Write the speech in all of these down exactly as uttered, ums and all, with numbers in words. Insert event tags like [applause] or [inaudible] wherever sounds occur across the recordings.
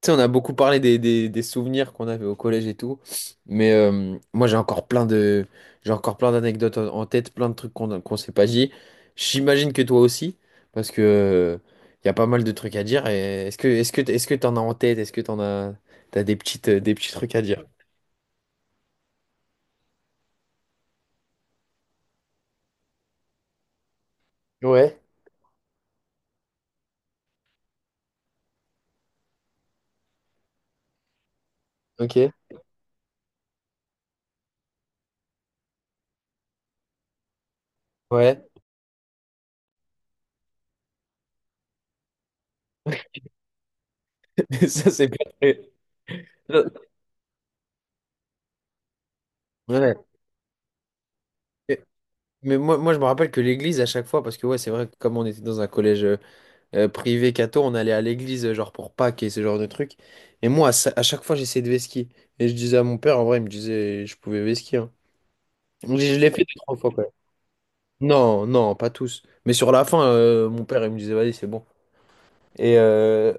Tu sais, on a beaucoup parlé des, des- des souvenirs qu'on avait au collège et tout, mais euh, moi j'ai encore plein de j'ai encore plein d'anecdotes en en tête, plein de trucs qu'on qu'on s'est pas dit. J'imagine que toi aussi, parce que il y a pas mal de trucs à dire. Et est-ce que est-ce que est-ce que t'en as en tête? Est-ce que t'en as t'as des petites des petits trucs à dire? Ouais, ok, ouais. [laughs] Ça c'est pas très- Ouais. Mais mais moi, moi je me rappelle que l'église à chaque fois, parce que ouais c'est vrai que comme on était dans un collège. euh, euh, privé catho, on allait à l'église, euh, genre pour Pâques et ce genre de trucs. Et moi, à, sa- à chaque fois, j'essayais de vesquiller. Et je disais à mon père, en vrai, il me disait, je pouvais vesquiller, hein. Donc, je l'ai fait deux, trois fois, quand même. Non, non, pas tous. Mais sur la fin, euh, mon père, il me disait, vas-y, c'est bon. Et, euh,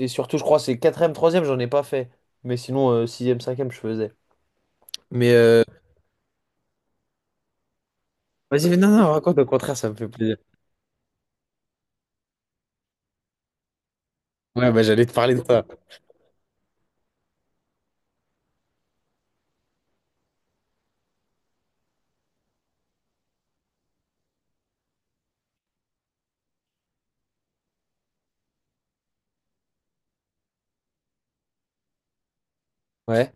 et surtout, je crois, c'est quatrième, troisième, j'en ai pas fait. Mais sinon, euh, sixième, cinquième, je faisais. Mais euh, vas-y, mais non, non, raconte, au contraire, ça me fait plaisir. Ouais, bah j'allais te parler de ça. Ouais.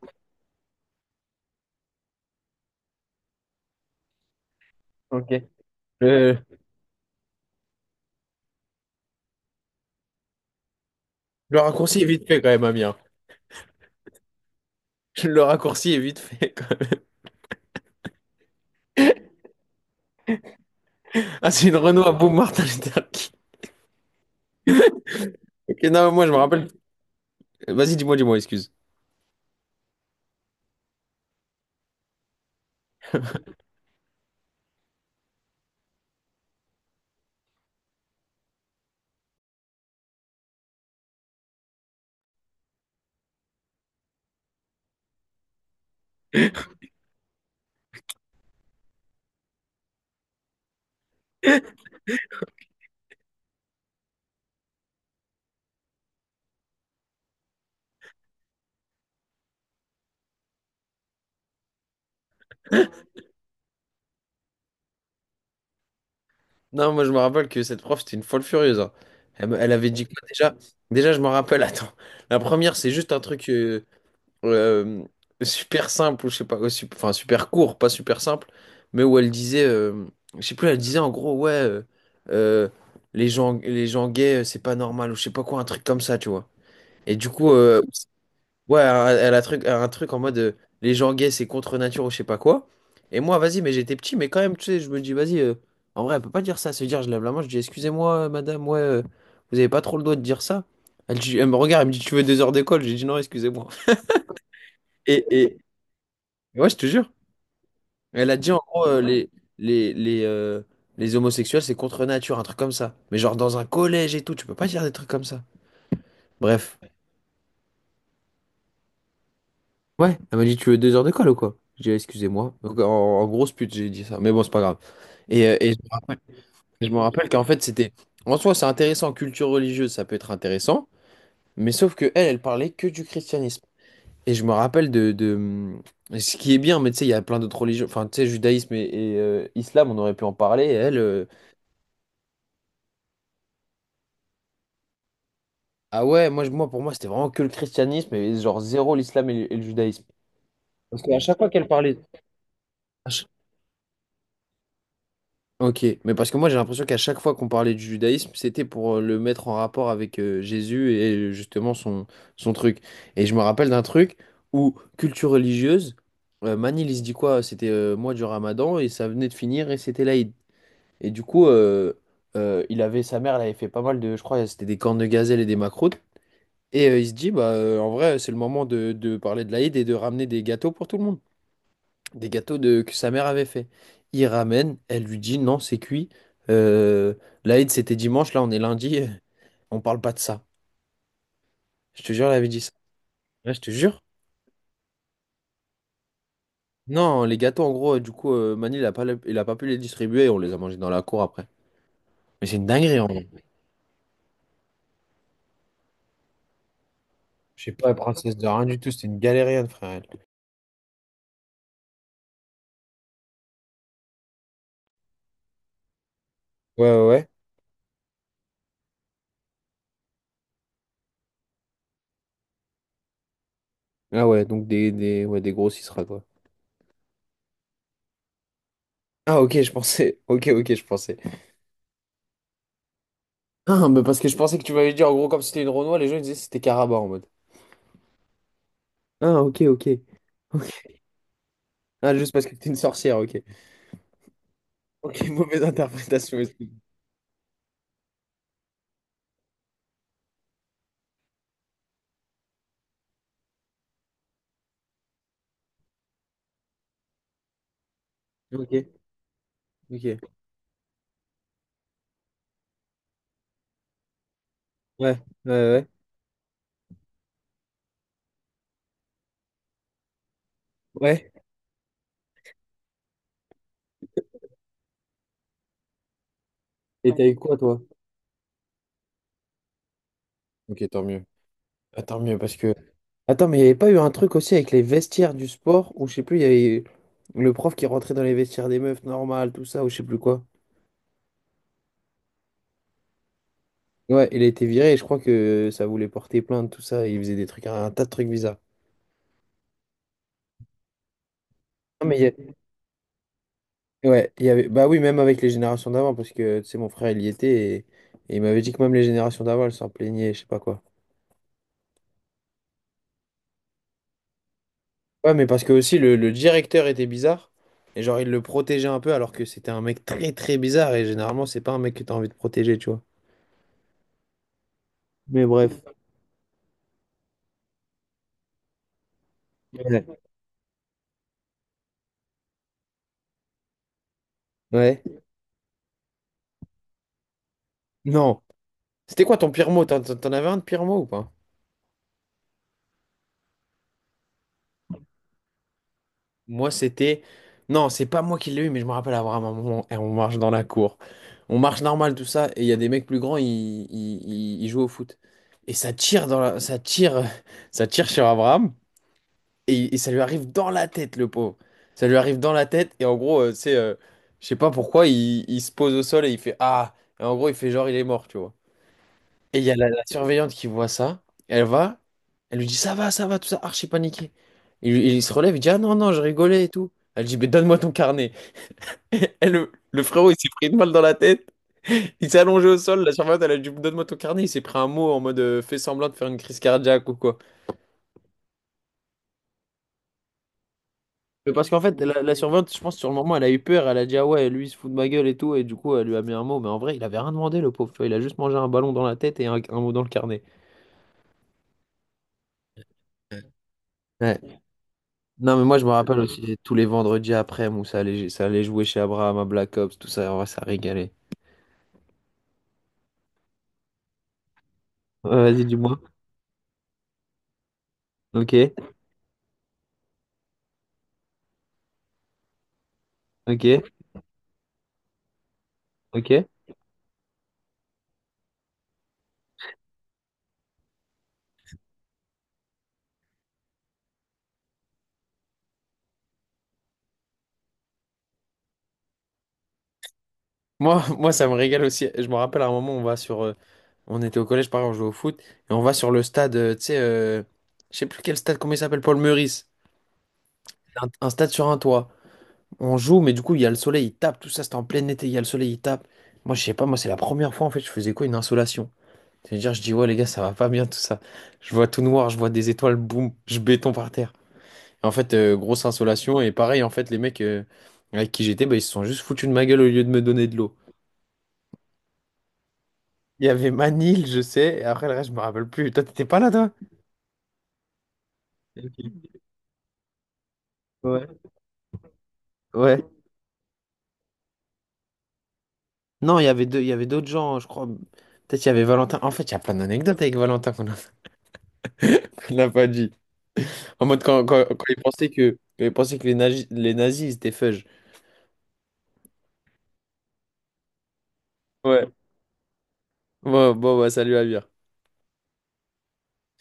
Ok. Euh, le raccourci est vite fait quand même, Amir. [laughs] Le raccourci est vite fait. Ah, c'est une Renault à boum Martin Luther King. Ok, non, moi je me rappelle. Vas-y, dis-moi, dis-moi, excuse. Non, moi je me rappelle que cette prof, c'était une folle furieuse, hein. Elle, me- elle avait dit quoi déjà? Déjà, je me rappelle, attends. La première, c'est juste un truc euh, euh, super simple, ou je sais pas, ou sup- enfin super court, pas super simple, mais où elle disait, euh, je sais plus, elle disait en gros, ouais, euh, euh, les gens, les gens gays, euh, c'est pas normal, ou je sais pas quoi, un truc comme ça, tu vois. Et du coup, euh, ouais, un, elle a truc, un truc en mode euh, les gens gays c'est contre nature ou je sais pas quoi. Et moi, vas-y, mais j'étais petit, mais quand même, tu sais, je me dis, vas-y, euh, en vrai, elle peut pas dire ça. Se dire, je lève la main, je dis, excusez-moi, euh, madame, ouais, euh, vous avez pas trop le droit de dire ça. Elle, dit- elle me regarde, elle me dit, tu veux deux heures d'école? J'ai dit, non, excusez-moi. Et, et, ouais, je te jure. Elle a dit, en gros, euh, les, les, les, euh, les homosexuels c'est contre nature, un truc comme ça. Mais genre, dans un collège et tout, tu peux pas dire des trucs comme ça. Bref. Ouais, elle m'a dit, tu veux deux heures de colle ou quoi? J'ai dit, excusez-moi. Donc, en, en grosse pute, j'ai dit ça. Mais bon, c'est pas grave. Et, euh, et je me rappelle, je me rappelle qu'en fait, c'était. En soi, c'est intéressant, culture religieuse, ça peut être intéressant. Mais sauf que elle, elle parlait que du christianisme. Et je me rappelle de, de, hum, ce qui est bien, mais tu sais, il y a plein d'autres religions. Enfin, tu sais, judaïsme et, et, euh, islam, on aurait pu en parler. Et elle, euh, ah ouais, moi, je- moi, pour moi, c'était vraiment que le christianisme et genre zéro l'islam et, le et le judaïsme. Parce qu'à chaque fois qu'elle parlait. Ok, mais parce que moi j'ai l'impression qu'à chaque fois qu'on parlait du judaïsme, c'était pour euh, le mettre en rapport avec euh, Jésus et euh, justement son, son truc. Et je me rappelle d'un truc où culture religieuse, euh, Manil il se dit quoi? C'était euh, mois du Ramadan et ça venait de finir et c'était l'Aïd. Et du coup, euh, euh, il avait sa mère, elle avait fait pas mal de, je crois, c'était des cornes de gazelle et des macroutes. Et euh, il se dit, bah euh, en vrai, c'est le moment de, de parler de l'Aïd et de ramener des gâteaux pour tout le monde des gâteaux de, que sa mère avait fait. Il ramène, elle lui dit non, c'est cuit. Euh, L'Aïd, c'était dimanche, là on est lundi, [laughs] euh, on parle pas de ça. Je te jure, elle avait dit ça. Ouais, je te jure. Non, les gâteaux, en gros, euh, du coup, euh, Mani, il a pas, le- il a pas pu les distribuer et on les a mangés dans la cour après. Mais c'est une dinguerie en vrai. Je sais pas, princesse de rien du tout, c'était une galérienne, frère. Elle. Ouais, ouais, ouais. Ah ouais, donc des, des, ouais, des gros sera quoi. Ah ok, je pensais. [laughs] Ok, ok, je pensais. Ah, mais parce que je pensais que tu m'avais dit en gros, comme si c'était une Renoir, les gens ils disaient que c'était Caraba en mode. Ah ok, ok. Ah, juste parce que t'es une sorcière, ok. Ok, [laughs] mauvaise interprétation, excuse. Ok, ok. Ouais, ouais, ouais. Ouais. Ouais. Et t'as eu quoi, toi? Ok, tant mieux. Ah, tant mieux, parce que… Attends, mais il n'y avait pas eu un truc aussi avec les vestiaires du sport, où je sais plus, il y avait le prof qui rentrait dans les vestiaires des meufs normales, tout ça, ou je sais plus quoi. Ouais, il a été viré, et je crois que ça voulait porter plainte, tout ça, et il faisait des trucs, un tas de trucs bizarres. Ah, mais il y a- ouais, il y avait. Bah oui, même avec les générations d'avant, parce que, tu sais, mon frère, il y était, et, et il m'avait dit que même les générations d'avant, elles s'en plaignaient, je sais pas quoi. Ouais, mais parce que aussi le, le directeur était bizarre. Et genre, il le protégeait un peu alors que c'était un mec très très bizarre. Et généralement, c'est pas un mec que t'as envie de protéger, tu vois. Mais bref. Ouais. Ouais. Non. C'était quoi ton pire mot? T'en t'en- t'en avais un de pire mot ou pas? Moi, c'était. Non, c'est pas moi qui l'ai eu, mais je me rappelle avoir un moment. Et on marche dans la cour. On marche normal, tout ça. Et il y a des mecs plus grands, ils, ils, ils- ils jouent au foot. Et ça tire dans la... ça tire... [laughs] ça tire sur Abraham. Et, et ça lui arrive dans la tête, le pauvre. Ça lui arrive dans la tête, et en gros, euh, tu sais, euh, je sais pas pourquoi, il, il se pose au sol et il fait Ah! Et en gros, il fait genre, il est mort, tu vois. Et il y a la, la surveillante qui voit ça, elle va, elle lui dit Ça va, ça va, tout ça, archi paniqué. Il, il se relève, il dit Ah non, non, je rigolais et tout. Elle dit Mais donne-moi ton carnet. [laughs] Et le, le frérot, il s'est pris une balle dans la tête, il s'est allongé au sol, la surveillante, elle a dit Donne-moi ton carnet, il s'est pris un mot en mode euh, Fais semblant de faire une crise cardiaque ou quoi. Mais parce qu'en fait, la, la surveillante, je pense, sur le moment, elle a eu peur. Elle a dit, ah ouais, lui, il se fout de ma gueule et tout. Et du coup, elle lui a mis un mot. Mais en vrai, il avait rien demandé, le pauvre, tu vois. Il a juste mangé un ballon dans la tête et un, un mot dans le carnet. Ouais. Non, mais moi, je me rappelle aussi tous les vendredis après où ça allait, ça allait jouer chez Abraham à Black Ops, tout ça. Ouais, ça régalait. Ouais, vas-y, dis-moi. Ok, ok, ok. Moi, [laughs] moi, ça me régale aussi. Je me rappelle à un moment, on va sur. Euh, on était au collège, pareil, on jouait au foot. Et on va sur le stade, euh, tu sais, euh, je sais plus quel stade, comment il s'appelle, Paul Meurice. Un, un stade sur un toit. On joue, mais du coup, il y a le soleil, il tape, tout ça, c'était en plein été, il y a le soleil, il tape. Moi, je sais pas, moi, c'est la première fois, en fait, je faisais quoi, une insolation. C'est-à-dire, je dis, ouais, les gars, ça va pas bien, tout ça. Je vois tout noir, je vois des étoiles, boum, je béton par terre. Et en fait, euh, grosse insolation, et pareil, en fait, les mecs euh, avec qui j'étais, bah, ils se sont juste foutus de ma gueule au lieu de me donner de l'eau. Il y avait Manil, je sais, et après, le reste, je me rappelle plus. Toi, t'étais pas là, toi? Ok. Ouais. Ouais. Non, il y avait deux, il y avait d'autres gens, je crois. Peut-être il y avait Valentin. En fait, il y a plein d'anecdotes avec Valentin qu'on a- [laughs] qu'on n'a pas dit. En mode, quand, quand, quand ils pensaient que, quand ils pensaient que les nazis, les nazis, ils étaient fudge. Ouais. Bon, bon, bah, salut, Amir.